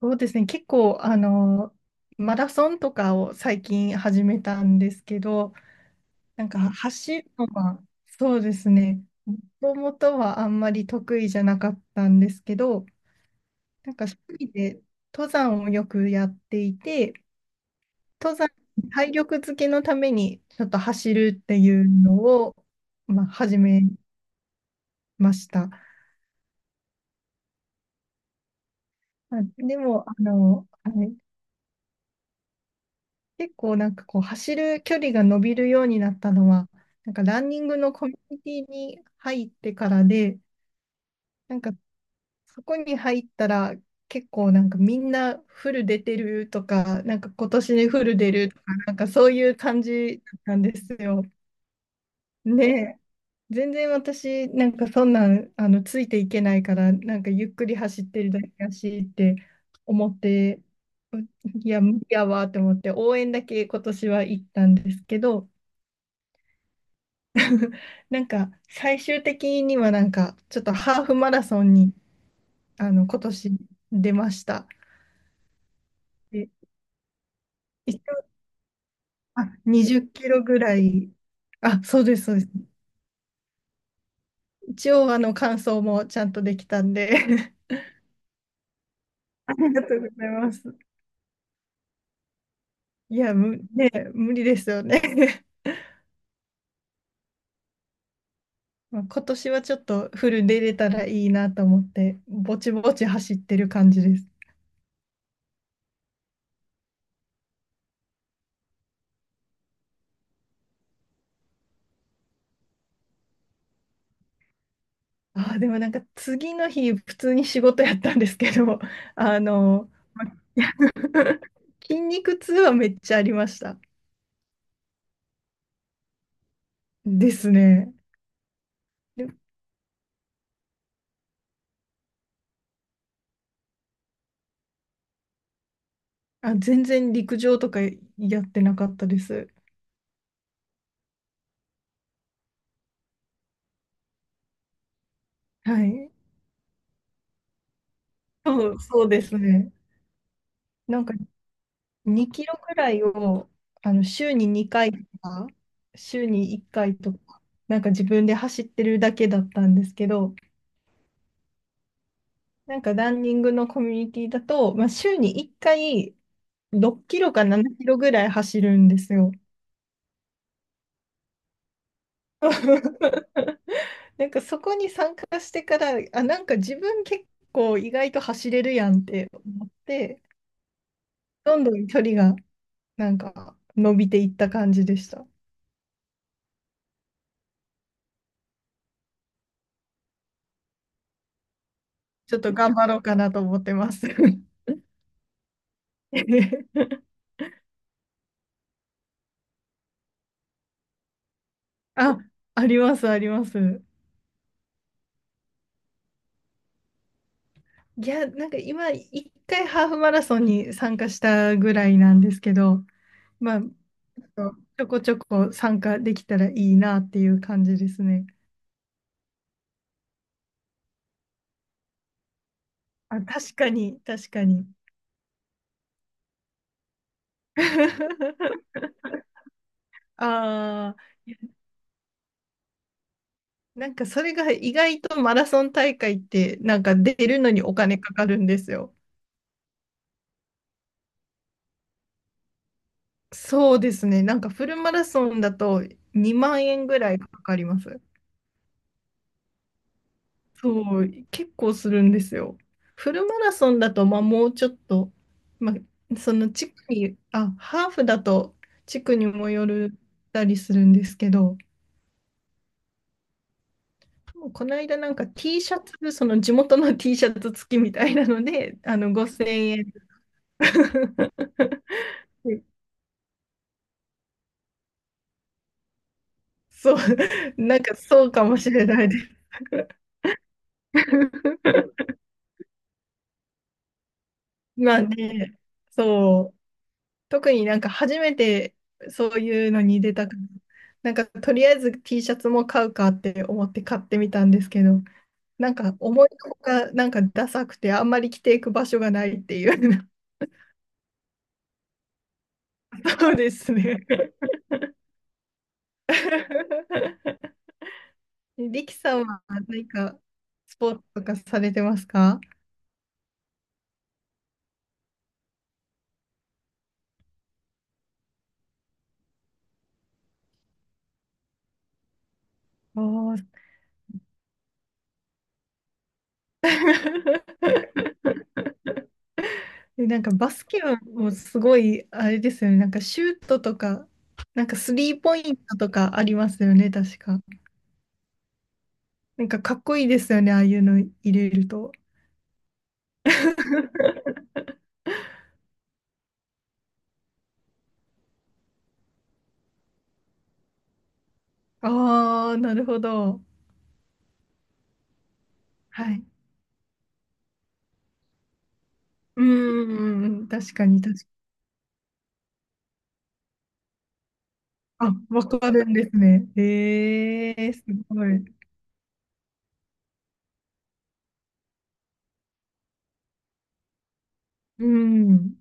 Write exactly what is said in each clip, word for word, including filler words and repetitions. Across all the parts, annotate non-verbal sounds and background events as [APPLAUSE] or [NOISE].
そうですね、結構、あの、マラソンとかを最近始めたんですけど、なんか走るのはそうですね、もともとはあんまり得意じゃなかったんですけど、なんか趣味で登山をよくやっていて、登山、体力づけのためにちょっと走るっていうのを、まあ、始めました。あでも、あの、はい結構なんかこう走る距離が伸びるようになったのは、なんかランニングのコミュニティに入ってからで、なんかそこに入ったら結構なんかみんなフル出てるとか、なんか今年でフル出るとか、なんかそういう感じなんですよ。ねえ。全然私なんかそんなんあのついていけないから、なんかゆっくり走ってるだけやしって思って、ういや、無理やわって思って応援だけ今年は行ったんですけど、なんか最終的にはなんかちょっとハーフマラソンにあの今年出ました。で、一応あにじゅっキロぐらい、あ、そうです、そうです。一応あの完走もちゃんとできたんで [LAUGHS] ありがとうございます。いや、む、ね、無理ですよね [LAUGHS] まあ今年はちょっとフルで出れたらいいなと思って、ぼちぼち走ってる感じです。あー、でもなんか次の日普通に仕事やったんですけど、あの、[LAUGHS] 筋肉痛はめっちゃありました。ですね。で、あ、全然陸上とかやってなかったです。はい。そう、そうですね。なんかにキロくらいをあの週ににかいとか、週にいっかいとか、なんか自分で走ってるだけだったんですけど、なんかランニングのコミュニティだと、まあ、週にいっかいろっキロかななキロぐらい走るんですよ。[LAUGHS] なんかそこに参加してから、あ、なんか自分結構意外と走れるやんって思って、どんどん距離がなんか伸びていった感じでした。ちょっと頑張ろうかなと思ってます。[LAUGHS] あ、あります、あります。いや、なんか今、一回ハーフマラソンに参加したぐらいなんですけど、まあ、ちょっとちょこちょこ参加できたらいいなっていう感じですね。あ、確かに、確かに。[LAUGHS] ああ、いやなんかそれが意外とマラソン大会ってなんか出るのにお金かかるんですよ。そうですね。なんかフルマラソンだとにまん円ぐらいかかります。そう、結構するんですよ。フルマラソンだと、まあ、もうちょっと、まあ、その地区に、あ、ハーフだと地区にもよるたりするんですけど、この間なんか T シャツ、その地元の T シャツ付きみたいなので、あのごせんえん [LAUGHS] そう、なんかそうかもしれないです。[LAUGHS] まあね、そう、特になんか初めてそういうのに出たから、なんかとりあえず T シャツも買うかって思って買ってみたんですけど、なんか思いのほかなんかダサくてあんまり着ていく場所がないっていう。[LAUGHS] そうですね。[LAUGHS] リキさんは何かスポーツとかされてますか？ああー。[LAUGHS] で、なんかバスケもすごい、あれですよね。なんかシュートとか、なんかスリーポイントとかありますよね、確か。なんかかっこいいですよね、ああいうの入れると。[LAUGHS] ああ、なるほど。はい。うんうんうん、確かに、確かに。あ、わかるんですね。ええすごい。うん。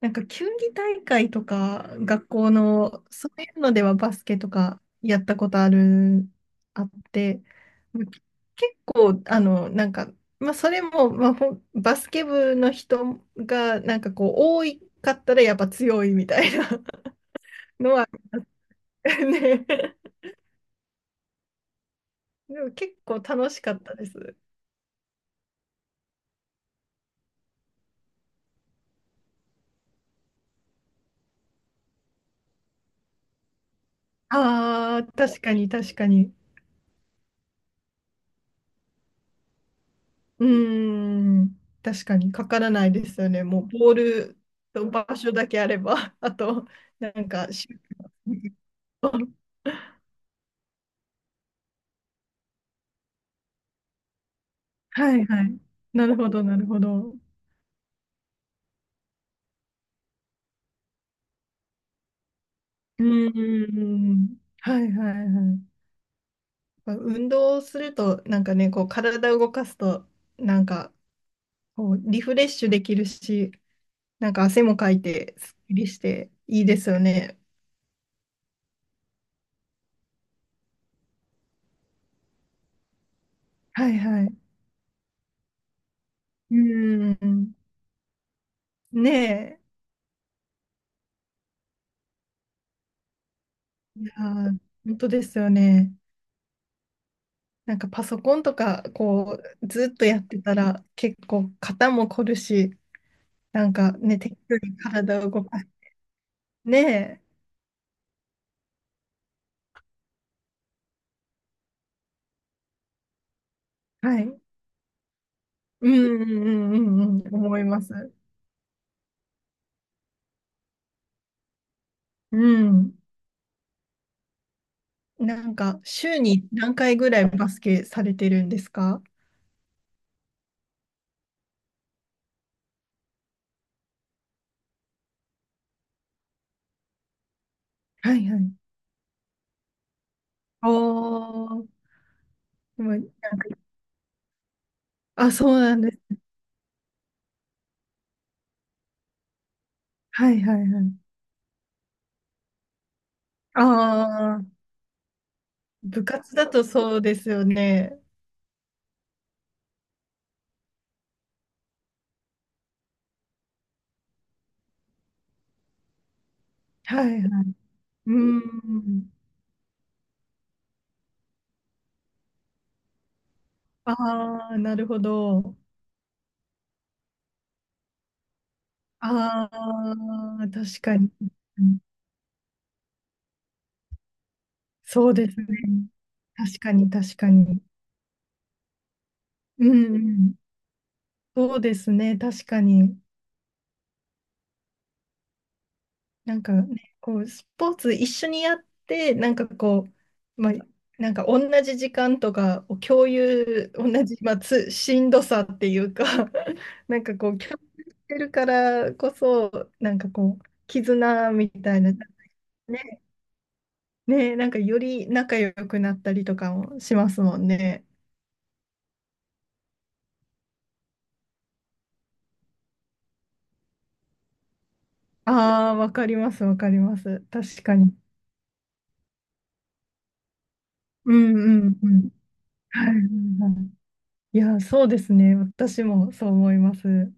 なんか球技大会とか、学校の、そういうのではバスケとかやったことある、あって、まあけ結構、あの、なんか、まあ、それも、まあ、ほんバスケ部の人が、なんかこう、多いかったらやっぱ強いみたいな [LAUGHS] のは、ね、[LAUGHS] でも結構楽しかったです。ああ、確かに確かに。うーん、確かにかからないですよね。もうボールと場所だけあれば、[LAUGHS] あと、なんか、シュート [LAUGHS] はいはい。なるほど、なるほど。うーん、はいはいはい。まあ運動すると、なんかね、こう体を動かすと、なんかこうリフレッシュできるし、なんか汗もかいて、すっきりしていいですよね。はいはい。うーん、ねえ。いやー、本当ですよね。なんかパソコンとか、こう、ずっとやってたら、結構肩も凝るし、なんかね、適度に体を動かす。ねえ。はい。うんうんうんうんうん、思います。うん。なんか、週に何回ぐらいバスケされてるんですか？はいはい。おー、でもなんか、あ、そうなんです。はいはいはい。ああ、部活だとそうですよね。はいはい。うん。ああ、なるほど。ああ、確かに。うんそうですね。確かに、確かに。うんうん。そうですね、確かに。なんかね、こう、スポーツ一緒にやって、なんかこう、まあ、なんか同じ時間とかを共有、同じ、まあ、つ、しんどさっていうか、[LAUGHS] なんかこう、共有してるからこそ、なんかこう、絆みたいな、ね、ね、なんかより仲良くなったりとかもしますもんね。ああ、わかります、わかります。確かに。うんうんうん。はいはいはい。いや、そうですね。私もそう思います。